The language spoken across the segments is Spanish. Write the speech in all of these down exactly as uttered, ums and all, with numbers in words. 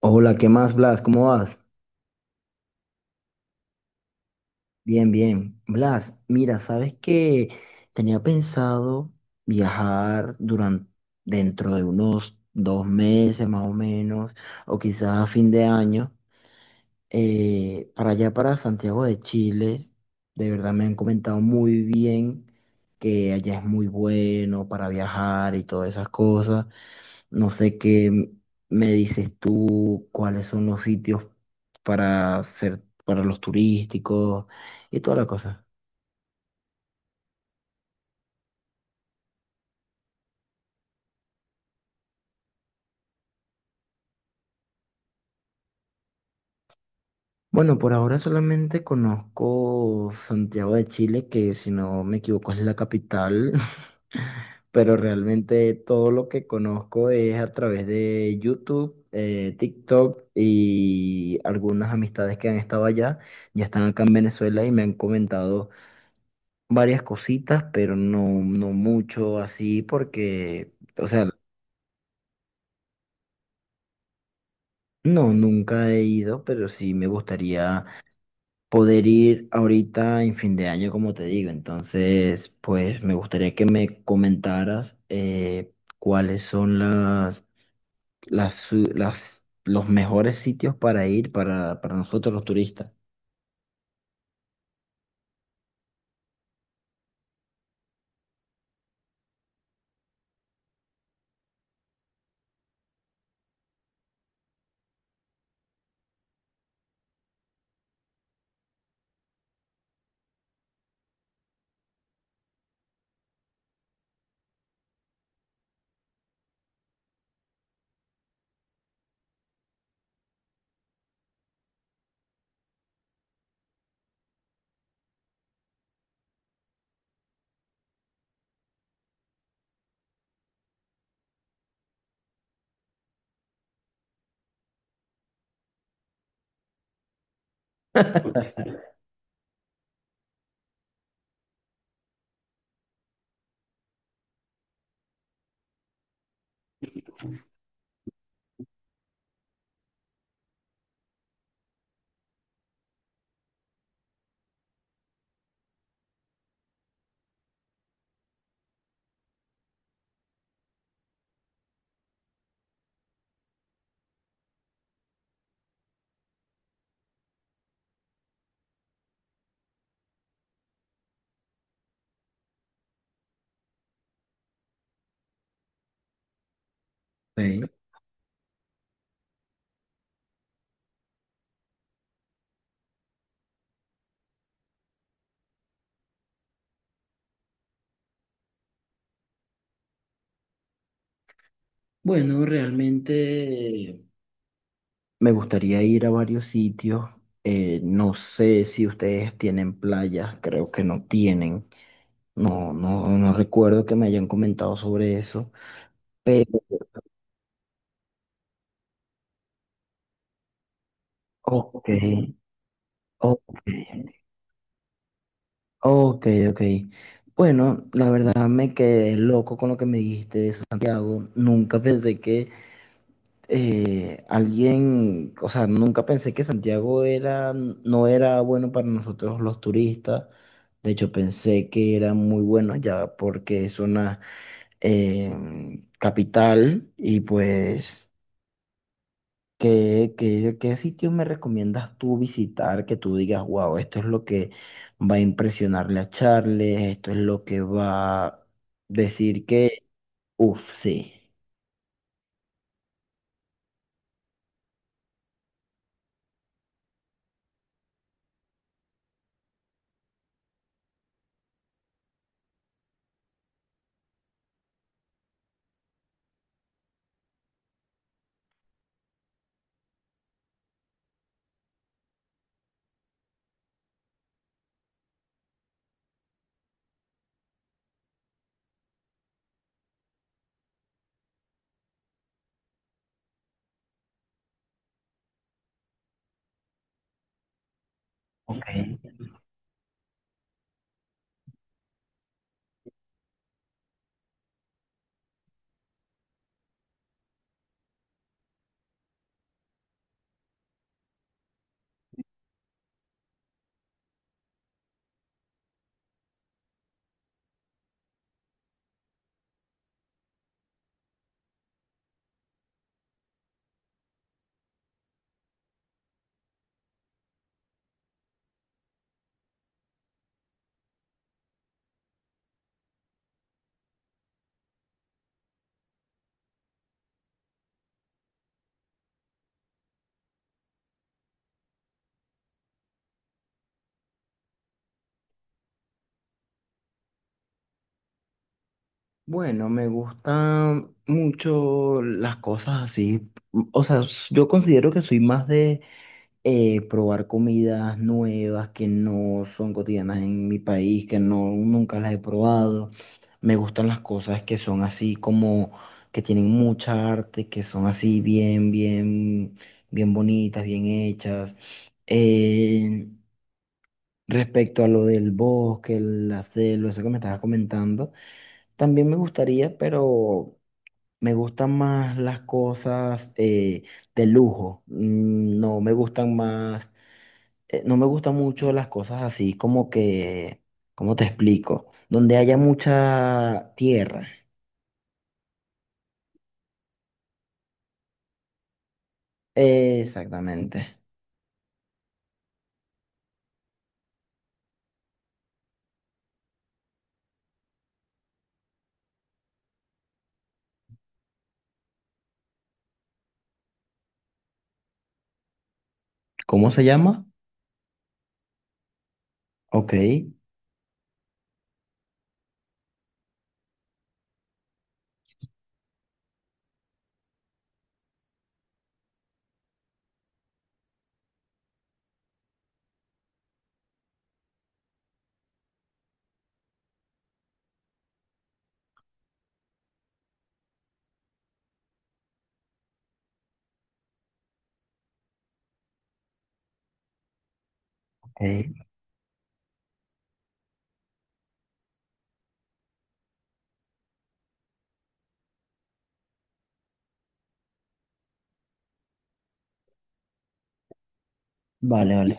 Hola, ¿qué más, Blas? ¿Cómo vas? Bien, bien. Blas, mira, sabes que tenía pensado viajar durante dentro de unos dos meses más o menos, o quizás a fin de año, eh, para allá, para Santiago de Chile. De verdad me han comentado muy bien que allá es muy bueno para viajar y todas esas cosas. No sé qué m- me dices tú, cuáles son los sitios para hacer, para los turísticos y toda la cosa. Bueno, por ahora solamente conozco Santiago de Chile, que si no me equivoco es la capital, pero realmente todo lo que conozco es a través de YouTube, eh, TikTok y algunas amistades que han estado allá, ya están acá en Venezuela y me han comentado varias cositas, pero no, no mucho así porque, o sea, no, nunca he ido, pero sí me gustaría poder ir ahorita en fin de año, como te digo. Entonces, pues me gustaría que me comentaras eh, cuáles son las, las, su- las- los mejores sitios para ir para, para nosotros los turistas. Ok. Bueno, realmente me gustaría ir a varios sitios. eh, no sé si ustedes tienen playas, creo que no tienen. No, no, no recuerdo que me hayan comentado sobre eso. Pero, ok, ok. Ok, ok. Bueno, la verdad me quedé loco con lo que me dijiste de Santiago. Nunca pensé que eh, alguien, o sea, nunca pensé que Santiago era, no era bueno para nosotros los turistas. De hecho, pensé que era muy bueno ya porque es una eh, capital y pues ¿Qué, qué, qué sitio me recomiendas tú visitar, que tú digas, wow, esto es lo que va a impresionarle a Charles, esto es lo que va a decir que, uff, sí. Ok. Bueno, me gustan mucho las cosas así. O sea, s- yo considero que soy más de eh, probar comidas nuevas que no son cotidianas en mi país, que no, nunca las he probado. Me gustan las cosas que son así como, que tienen mucha arte, que son así bien, bien, bien bonitas, bien hechas. Eh, respecto a lo del bosque, la selva, eso que me estabas comentando, también me gustaría, pero me gustan más las cosas eh, de lujo. Mm, no me gustan más eh, no me gustan mucho las cosas así como que, ¿cómo te explico? Donde haya mucha tierra. Exactamente. ¿Cómo se llama? Ok, ok. Vale, vale.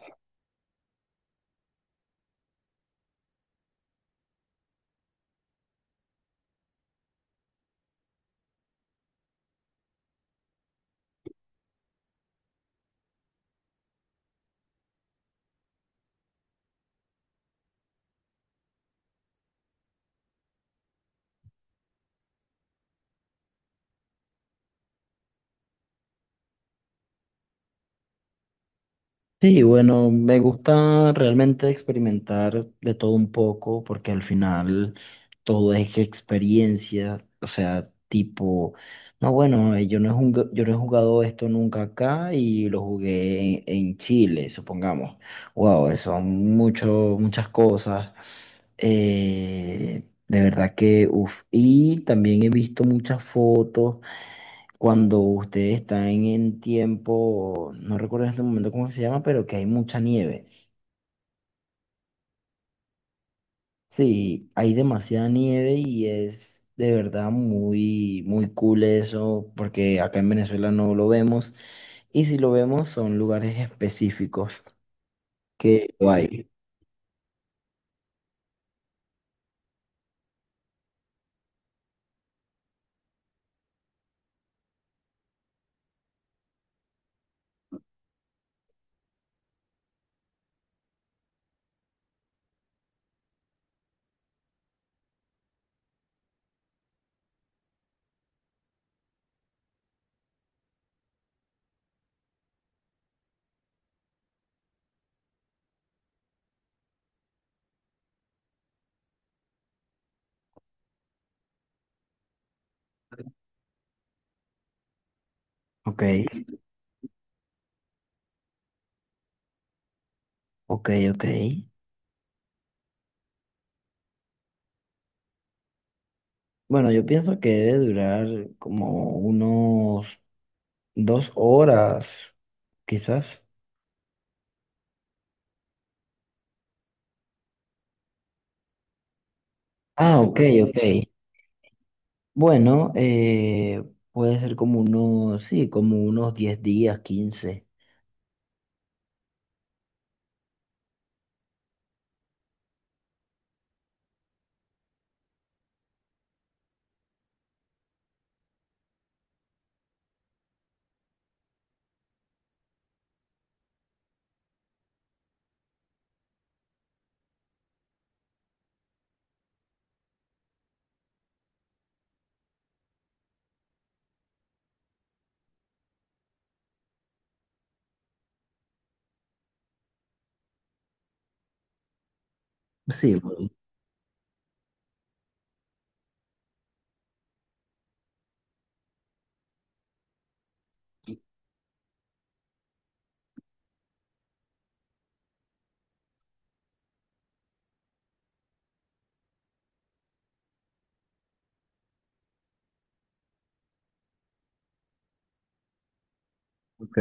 Sí, bueno, me gusta realmente experimentar de todo un poco porque al final todo es experiencia, o sea, tipo, no, bueno, eh, yo no he jug- yo no he jugado esto nunca acá y lo jugué en en Chile, supongamos. Wow, son mucho, muchas cosas. eh, de verdad que, uff, y también he visto muchas fotos cuando ustedes están en tiempo, no recuerdo en este momento cómo se llama, pero que hay mucha nieve. Sí, hay demasiada nieve y es de verdad muy, muy cool eso, porque acá en Venezuela no lo vemos. Y si lo vemos, son lugares específicos que lo hay. Ok, ok, ok. Bueno, yo pienso que debe durar como unos dos horas, quizás. Ah, ok, ok. Bueno, eh, puede ser como unos, sí, como unos diez días, quince. Sí, bueno, ok.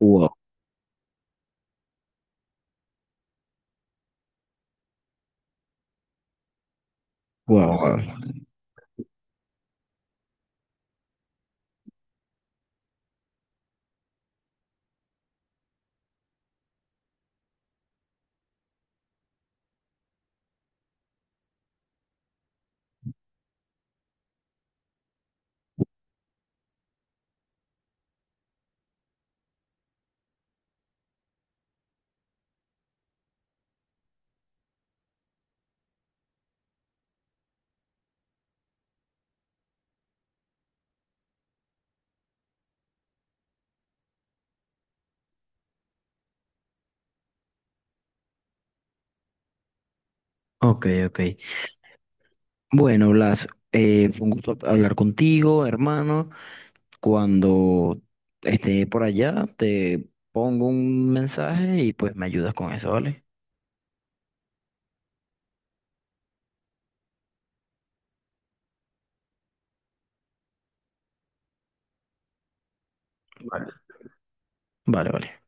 Wow, wow, wow. Ok, ok. Bueno, Blas, eh, fue un gusto hablar contigo, hermano. Cuando esté por allá, te pongo un mensaje y pues me ayudas con eso, ¿vale? Vale. Vale, vale.